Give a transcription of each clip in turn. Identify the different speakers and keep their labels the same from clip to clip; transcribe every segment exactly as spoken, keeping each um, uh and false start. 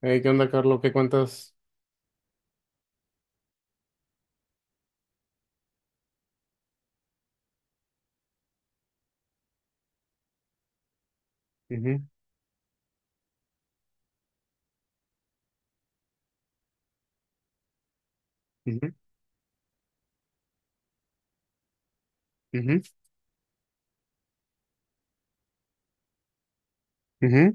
Speaker 1: Hey, ¿qué onda, Carlos? ¿Qué cuentas? Ujú, ujú, ujú, ujú.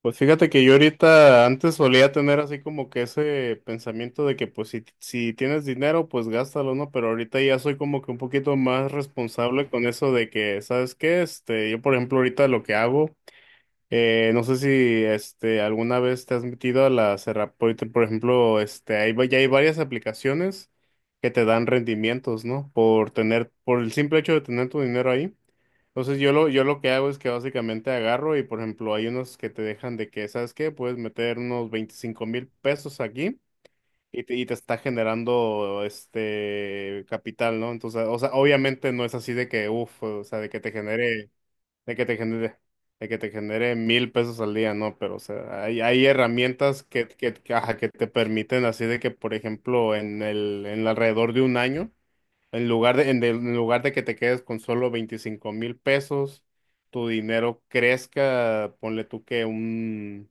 Speaker 1: Pues fíjate que yo ahorita antes solía tener así como que ese pensamiento de que pues si, si tienes dinero, pues gástalo, ¿no? Pero ahorita ya soy como que un poquito más responsable con eso de que, ¿sabes qué? Este, yo por ejemplo ahorita lo que hago, eh, no sé si este alguna vez te has metido a la Serra, por por ejemplo, este, ahí va- ya hay varias aplicaciones que te dan rendimientos, ¿no? Por tener, por el simple hecho de tener tu dinero ahí. Entonces yo lo, yo lo que hago es que básicamente agarro, y por ejemplo hay unos que te dejan de que, ¿sabes qué? Puedes meter unos veinticinco mil pesos aquí, y te, y te está generando este capital, ¿no? Entonces, o sea, obviamente no es así de que, uff, o sea, de que te genere, de que te genere, de que te genere mil pesos al día, ¿no? Pero, o sea, hay, hay herramientas que, que, que, ajá, que te permiten así de que, por ejemplo, en el, en alrededor de un año, en lugar de, en, de- en lugar de que te quedes con solo veinticinco mil pesos, tu dinero crezca, ponle tú que un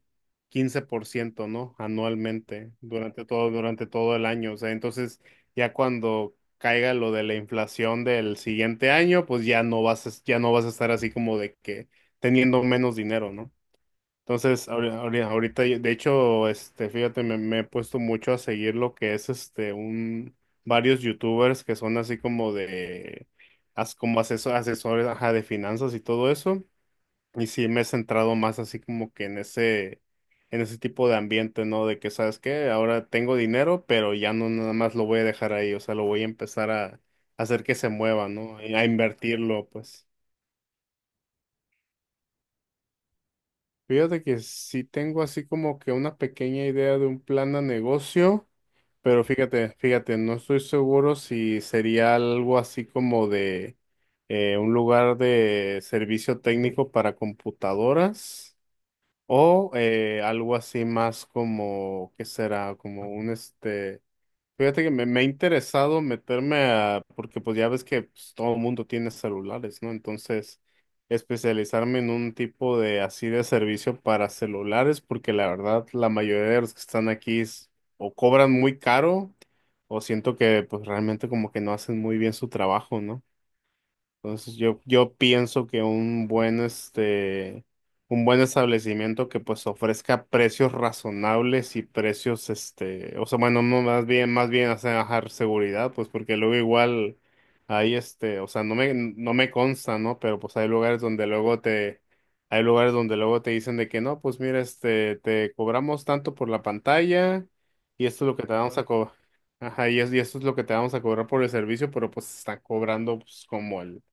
Speaker 1: quince por ciento, ¿no? Anualmente, durante todo, durante todo el año. O sea, entonces ya cuando caiga lo de la inflación del siguiente año, pues ya no vas a, ya no vas a estar así como de que teniendo menos dinero, ¿no? Entonces, ahori- ahori- ahorita, yo- de hecho, este, fíjate, me, me he puesto mucho a seguir lo que es este un varios youtubers que son así como de as- como aseso- asesores, ajá, de finanzas y todo eso. Y sí me he centrado más así como que en ese, en ese tipo de ambiente, ¿no? De que, ¿sabes qué? Ahora tengo dinero, pero ya no nada más lo voy a dejar ahí. O sea, lo voy a empezar a hacer que se mueva, ¿no? Y a invertirlo, pues. Fíjate que sí tengo así como que una pequeña idea de un plan de negocio, pero fíjate, fíjate, no estoy seguro si sería algo así como de eh, un lugar de servicio técnico para computadoras, o eh, algo así más como, ¿qué será? Como un este... Fíjate que me, me ha interesado meterme a, porque pues ya ves que pues todo el mundo tiene celulares, ¿no? Entonces, especializarme en un tipo de así de servicio para celulares, porque la verdad la mayoría de los que están aquí es- o cobran muy caro, o siento que pues realmente como que no hacen muy bien su trabajo, ¿no? Entonces, yo, yo pienso que un buen, este, un buen establecimiento que pues ofrezca precios razonables y precios, este, o sea, bueno, no, más bien, más bien hacer bajar seguridad, pues porque luego igual hay este, o sea, no me, no me consta, ¿no? Pero pues hay lugares donde luego te, hay lugares donde luego te dicen de que no, pues mira, este, te cobramos tanto por la pantalla y esto es lo que te vamos a cobrar. Ajá, y, es- y esto es lo que te vamos a cobrar por el servicio, pero pues está cobrando, pues, como el,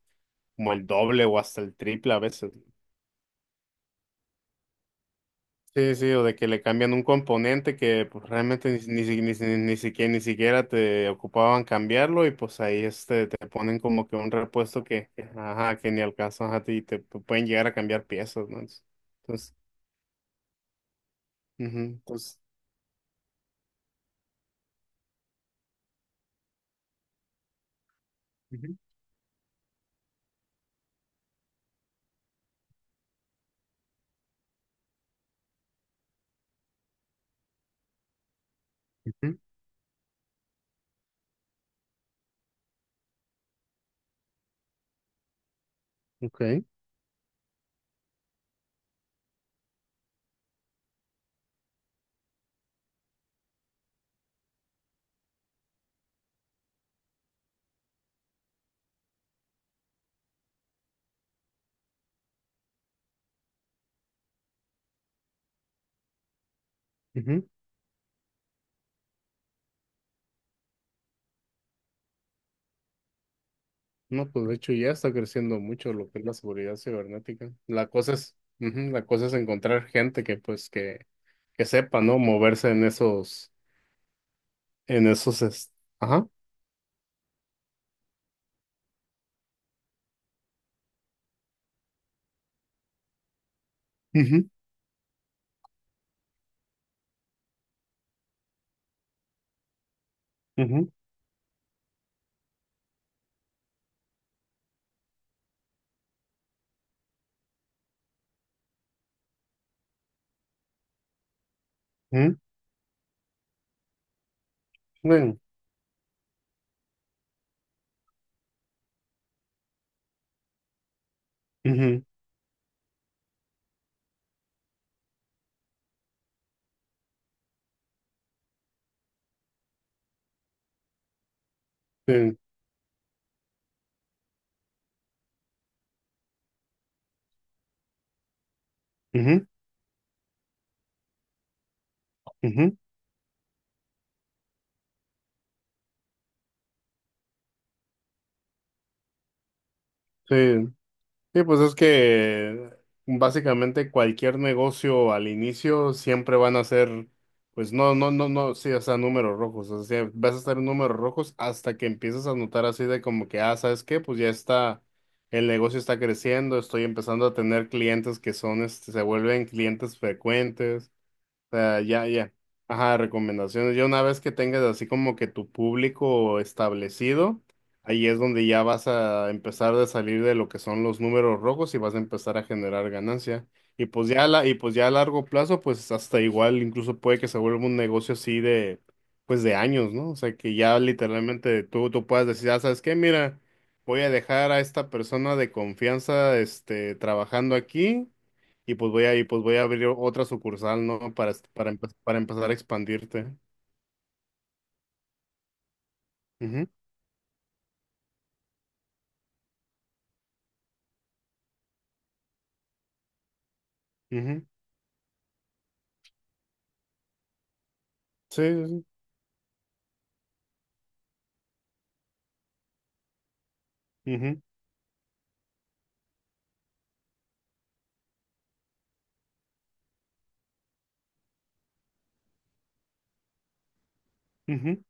Speaker 1: como el doble o hasta el triple a veces. Sí, sí, o de que le cambian un componente que pues realmente ni, ni, si- ni, si- ni siquiera, ni siquiera te ocupaban cambiarlo, y pues ahí este te ponen como que un repuesto que, que, ajá, que ni alcanzan, a ti y te pu- pueden llegar a cambiar piezas, ¿no? Entonces, ujú. Entonces, ujú, ujú, ok, ujú. No, pues de hecho ya está creciendo mucho lo que es la seguridad cibernética. La cosa es, ujú, la cosa es encontrar gente que pues que, que sepa, ¿no? Moverse en esos, en esos, es- ajá, ujú, ujú, ujú, ven, ujú, ven, ujú, ujú, sí. Sí, pues es que básicamente cualquier negocio al inicio siempre van a ser, pues, no, no, no, no, sí, o sea, números rojos. O sea, vas a estar en números rojos hasta que empiezas a notar así de como que, ah, ¿sabes qué? Pues ya está, el negocio está creciendo, estoy empezando a tener clientes que son, este, se vuelven clientes frecuentes. O sea, ya, ya. Ajá, recomendaciones. Ya una vez que tengas así como que tu público establecido, ahí es donde ya vas a empezar a salir de lo que son los números rojos y vas a empezar a generar ganancia. Y pues ya a la, y pues ya a largo plazo, pues hasta igual, incluso puede que se vuelva un negocio así de, pues, de años, ¿no? O sea, que ya literalmente tú, tú puedas decir, ah, ¿sabes qué? Mira, voy a dejar a esta persona de confianza, este, trabajando aquí, y pues voy a, y pues voy a abrir otra sucursal, ¿no? Para, est- para, empe- para empezar a expandirte. Ujú, ujú. Sí, sí, sí. Ujú, ujú.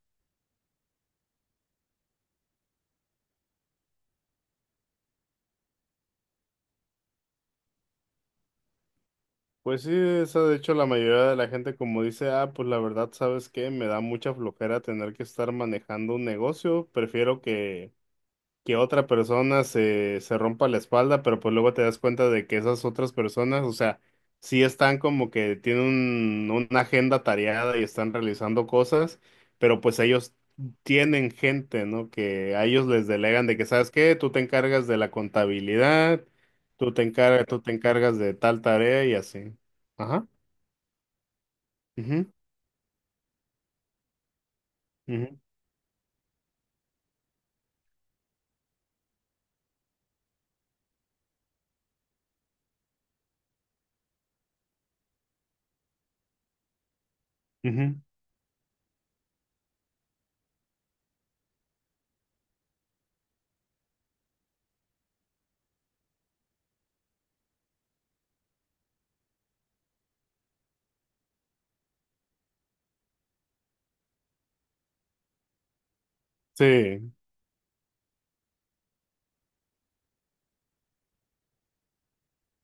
Speaker 1: Pues sí, esa de hecho la mayoría de la gente, como dice, ah, pues la verdad, ¿sabes qué? Me da mucha flojera tener que estar manejando un negocio, prefiero que que otra persona se, se rompa la espalda. Pero pues luego te das cuenta de que esas otras personas, o sea, sí están como que tienen un- una agenda tareada y están realizando cosas, pero pues ellos tienen gente, ¿no? Que a ellos les delegan de que, ¿sabes qué? Tú te encargas de la contabilidad, tú te encargas, tú te encargas de tal tarea y así. Ajá. Ujú, ujú, ujú. Sí.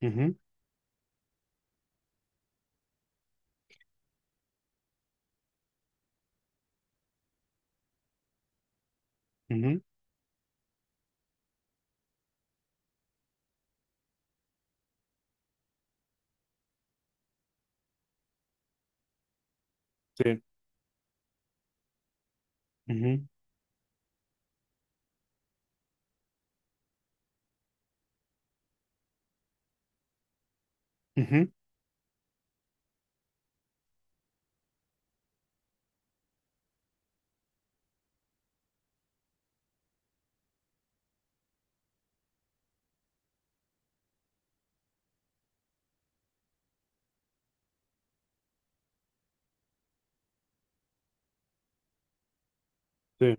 Speaker 1: Ujú, ujú. Sí. Ujú, ujú. Sí.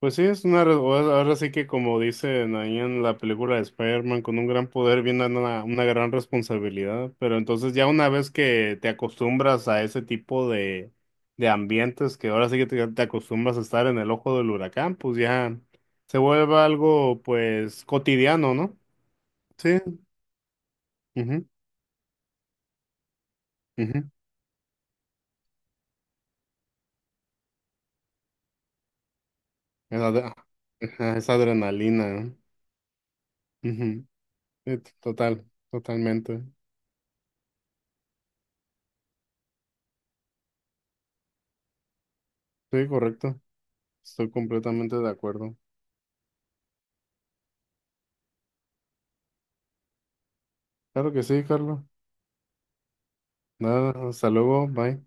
Speaker 1: Pues sí, es una, re- ahora sí que, como dicen ahí en la película de Spider-Man, con un gran poder viene una, una gran responsabilidad, pero entonces ya una vez que te acostumbras a ese tipo de, de ambientes, que ahora sí que te, te acostumbras a estar en el ojo del huracán, pues ya se vuelve algo, pues, cotidiano, ¿no? Sí. Ujú, ujú. Es adre- ajá, es adrenalina, ¿no? Ujú. Sí, t- total, totalmente. Sí, correcto. Estoy completamente de acuerdo. Claro que sí, Carlos. Nada, hasta luego, bye.